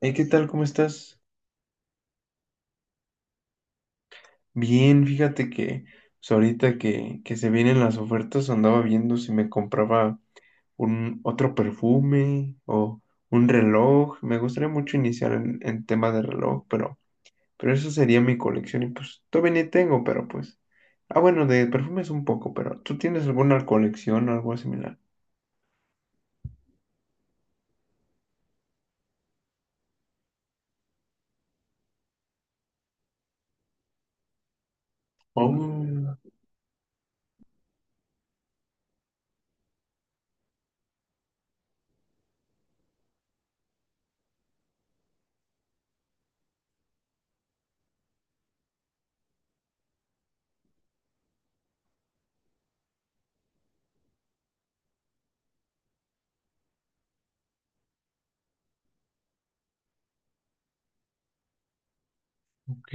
Hey, ¿qué tal? ¿Cómo estás? Bien, fíjate que pues, ahorita que se vienen las ofertas andaba viendo si me compraba un otro perfume o un reloj. Me gustaría mucho iniciar en tema de reloj, pero eso sería mi colección y pues todavía ni tengo, pero pues... Ah, bueno, de perfumes un poco, pero ¿tú tienes alguna colección o algo similar? Oh, ok,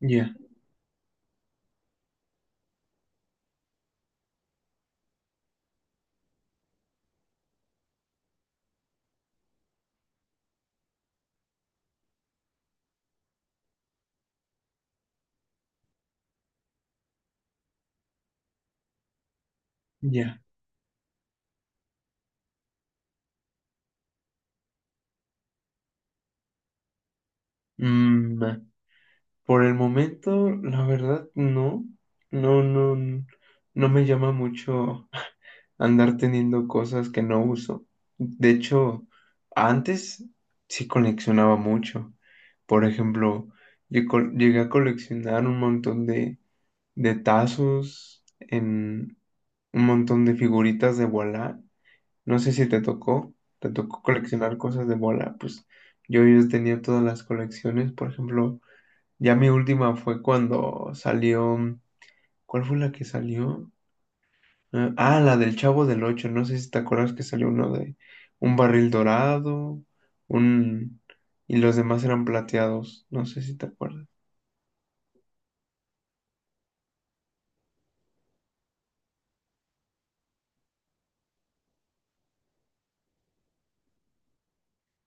ya, ya. Mm, Por el momento, la verdad, no. No, no me llama mucho andar teniendo cosas que no uso. De hecho, antes sí coleccionaba mucho. Por ejemplo, llegué a coleccionar un montón de tazos, en un montón de figuritas de Voilà. No sé si te tocó, te tocó coleccionar cosas de Voilà. Pues yo tenía todas las colecciones, por ejemplo. Ya mi última fue cuando salió. ¿Cuál fue la que salió? La del Chavo del Ocho. No sé si te acuerdas que salió uno de un barril dorado, un y los demás eran plateados. No sé si te acuerdas.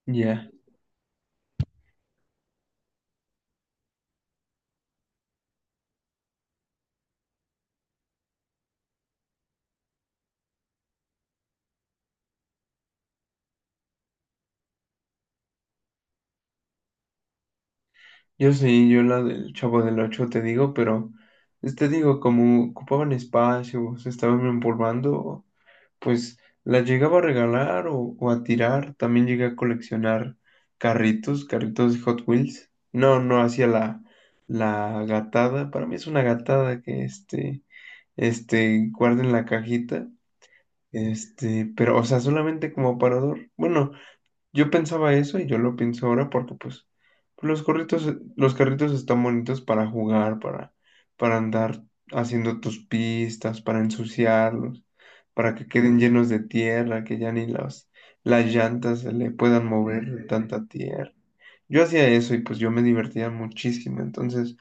Ya. Yo sí, yo la del Chavo del Ocho te digo, pero pues, te digo, como ocupaban espacio, se estaban empolvando, pues las llegaba a regalar o a tirar. También llegué a coleccionar carritos, carritos de Hot Wheels. No, no hacía la gatada. Para mí es una gatada que guarden la cajita. Pero, o sea, solamente como aparador. Bueno, yo pensaba eso y yo lo pienso ahora porque pues los carritos, los carritos están bonitos para jugar, para andar haciendo tus pistas, para ensuciarlos, para que queden llenos de tierra, que ya ni las llantas se le puedan mover de tanta tierra. Yo hacía eso y pues yo me divertía muchísimo. Entonces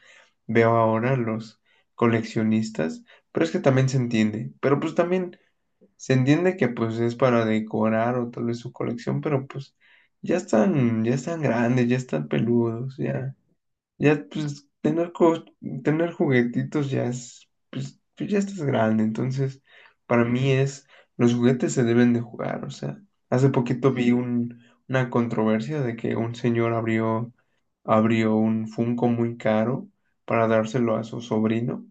veo ahora los coleccionistas, pero es que también se entiende. Pero pues también se entiende que pues es para decorar o tal vez su colección, pero pues ya están grandes, ya están peludos, ya, ya pues tener juguetitos ya es, pues, pues, ya estás grande, entonces para mí es, los juguetes se deben de jugar, o sea, hace poquito vi un, una controversia de que un señor abrió un Funko muy caro para dárselo a su sobrino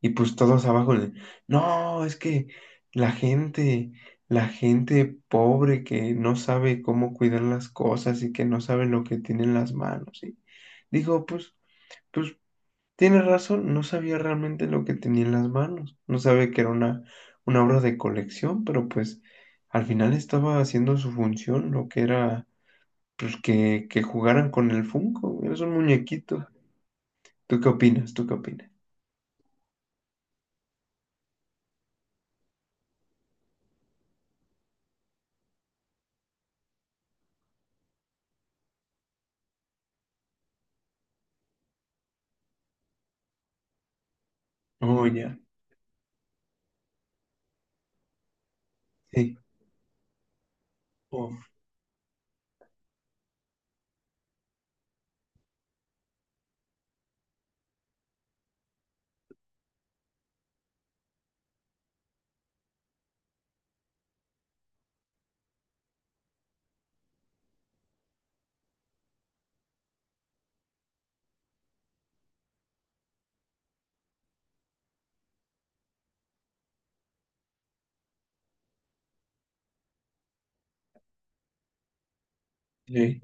y pues todos abajo de, no, es que la gente, la gente pobre que no sabe cómo cuidar las cosas y que no sabe lo que tiene en las manos. Y digo, pues, pues tiene razón, no sabía realmente lo que tenía en las manos, no sabe que era una obra de colección, pero pues al final estaba haciendo su función, lo que era pues que jugaran con el Funko, eres un muñequito. ¿Tú qué opinas? ¿Tú qué opinas? Oh, ya, sí, oh, sí,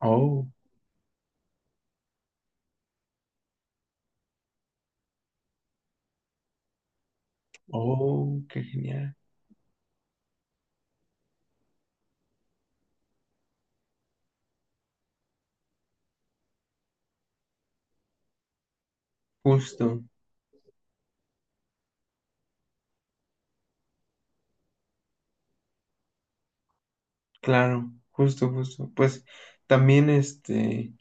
oh, oh, qué genial. Justo, claro, justo, justo. Pues también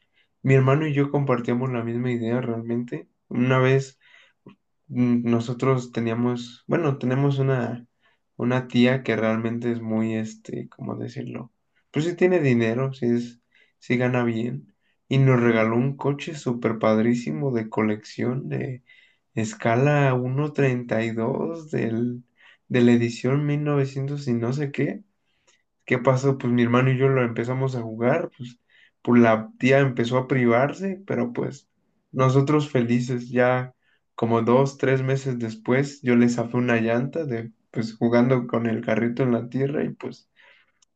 mi hermano y yo compartíamos la misma idea realmente. Una vez nosotros teníamos, bueno, tenemos una tía que realmente es muy, este, ¿cómo decirlo? Pues sí tiene dinero, sí es, sí gana bien. Y nos regaló un coche súper padrísimo de colección de escala 1:32 de la edición 1900 y no sé qué. ¿Qué pasó? Pues mi hermano y yo lo empezamos a jugar, pues, pues la tía empezó a privarse, pero pues nosotros felices, ya como 2, 3 meses después, yo le zafé una llanta de, pues jugando con el carrito en la tierra y pues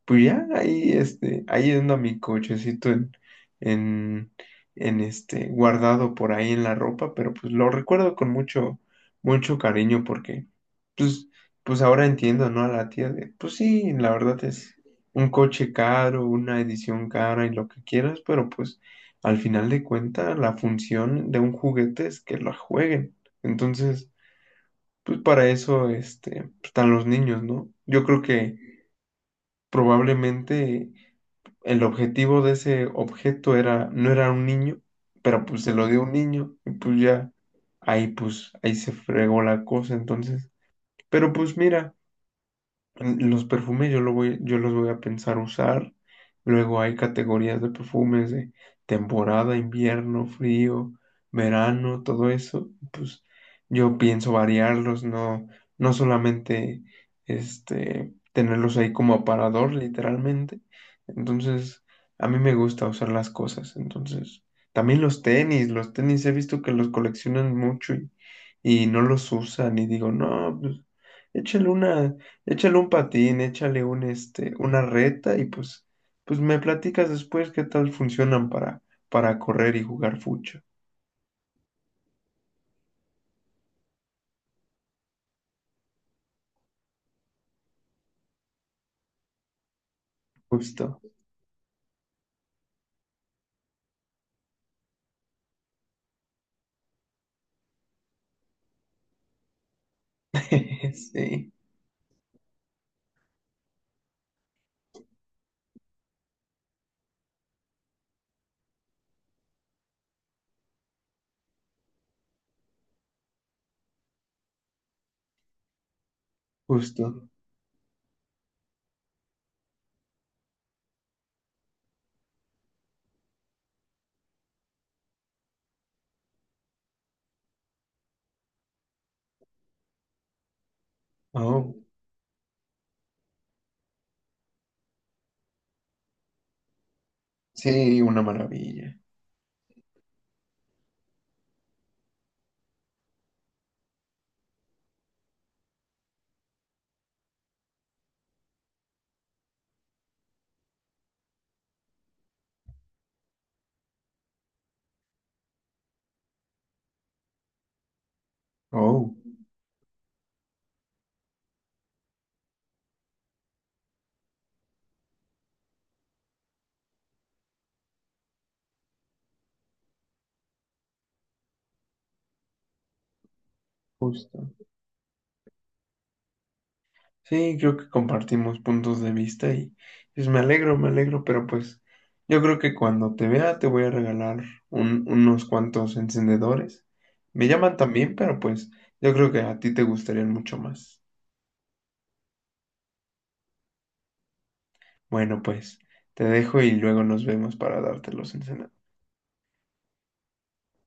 pues ya, ahí, este, ahí anda mi cochecito en, en este, guardado por ahí en la ropa, pero pues lo recuerdo con mucho, mucho cariño porque, pues, pues ahora entiendo, ¿no? A la tía de, pues sí, la verdad es un coche caro, una edición cara y lo que quieras, pero pues al final de cuentas la función de un juguete es que lo jueguen. Entonces, pues para eso, este, pues, están los niños, ¿no? Yo creo que probablemente el objetivo de ese objeto era, no era un niño, pero pues se lo dio un niño y pues ya ahí pues ahí se fregó la cosa entonces. Pero pues mira, los perfumes yo, lo voy, yo los voy a pensar usar. Luego hay categorías de perfumes de temporada, invierno, frío, verano, todo eso. Pues yo pienso variarlos, no, no solamente este, tenerlos ahí como aparador, literalmente. Entonces, a mí me gusta usar las cosas. Entonces, también los tenis he visto que los coleccionan mucho y no los usan y digo, no, pues échale una. Échale un patín, échale un, este, una reta y pues, pues me platicas después qué tal funcionan para correr y jugar fucho. Justo. Sí, justo. Oh, sí, una maravilla. Oh, justo. Sí, creo que compartimos puntos de vista y pues me alegro, pero pues yo creo que cuando te vea te voy a regalar unos cuantos encendedores. Me llaman también, pero pues yo creo que a ti te gustarían mucho más. Bueno, pues te dejo y luego nos vemos para darte los, ensena-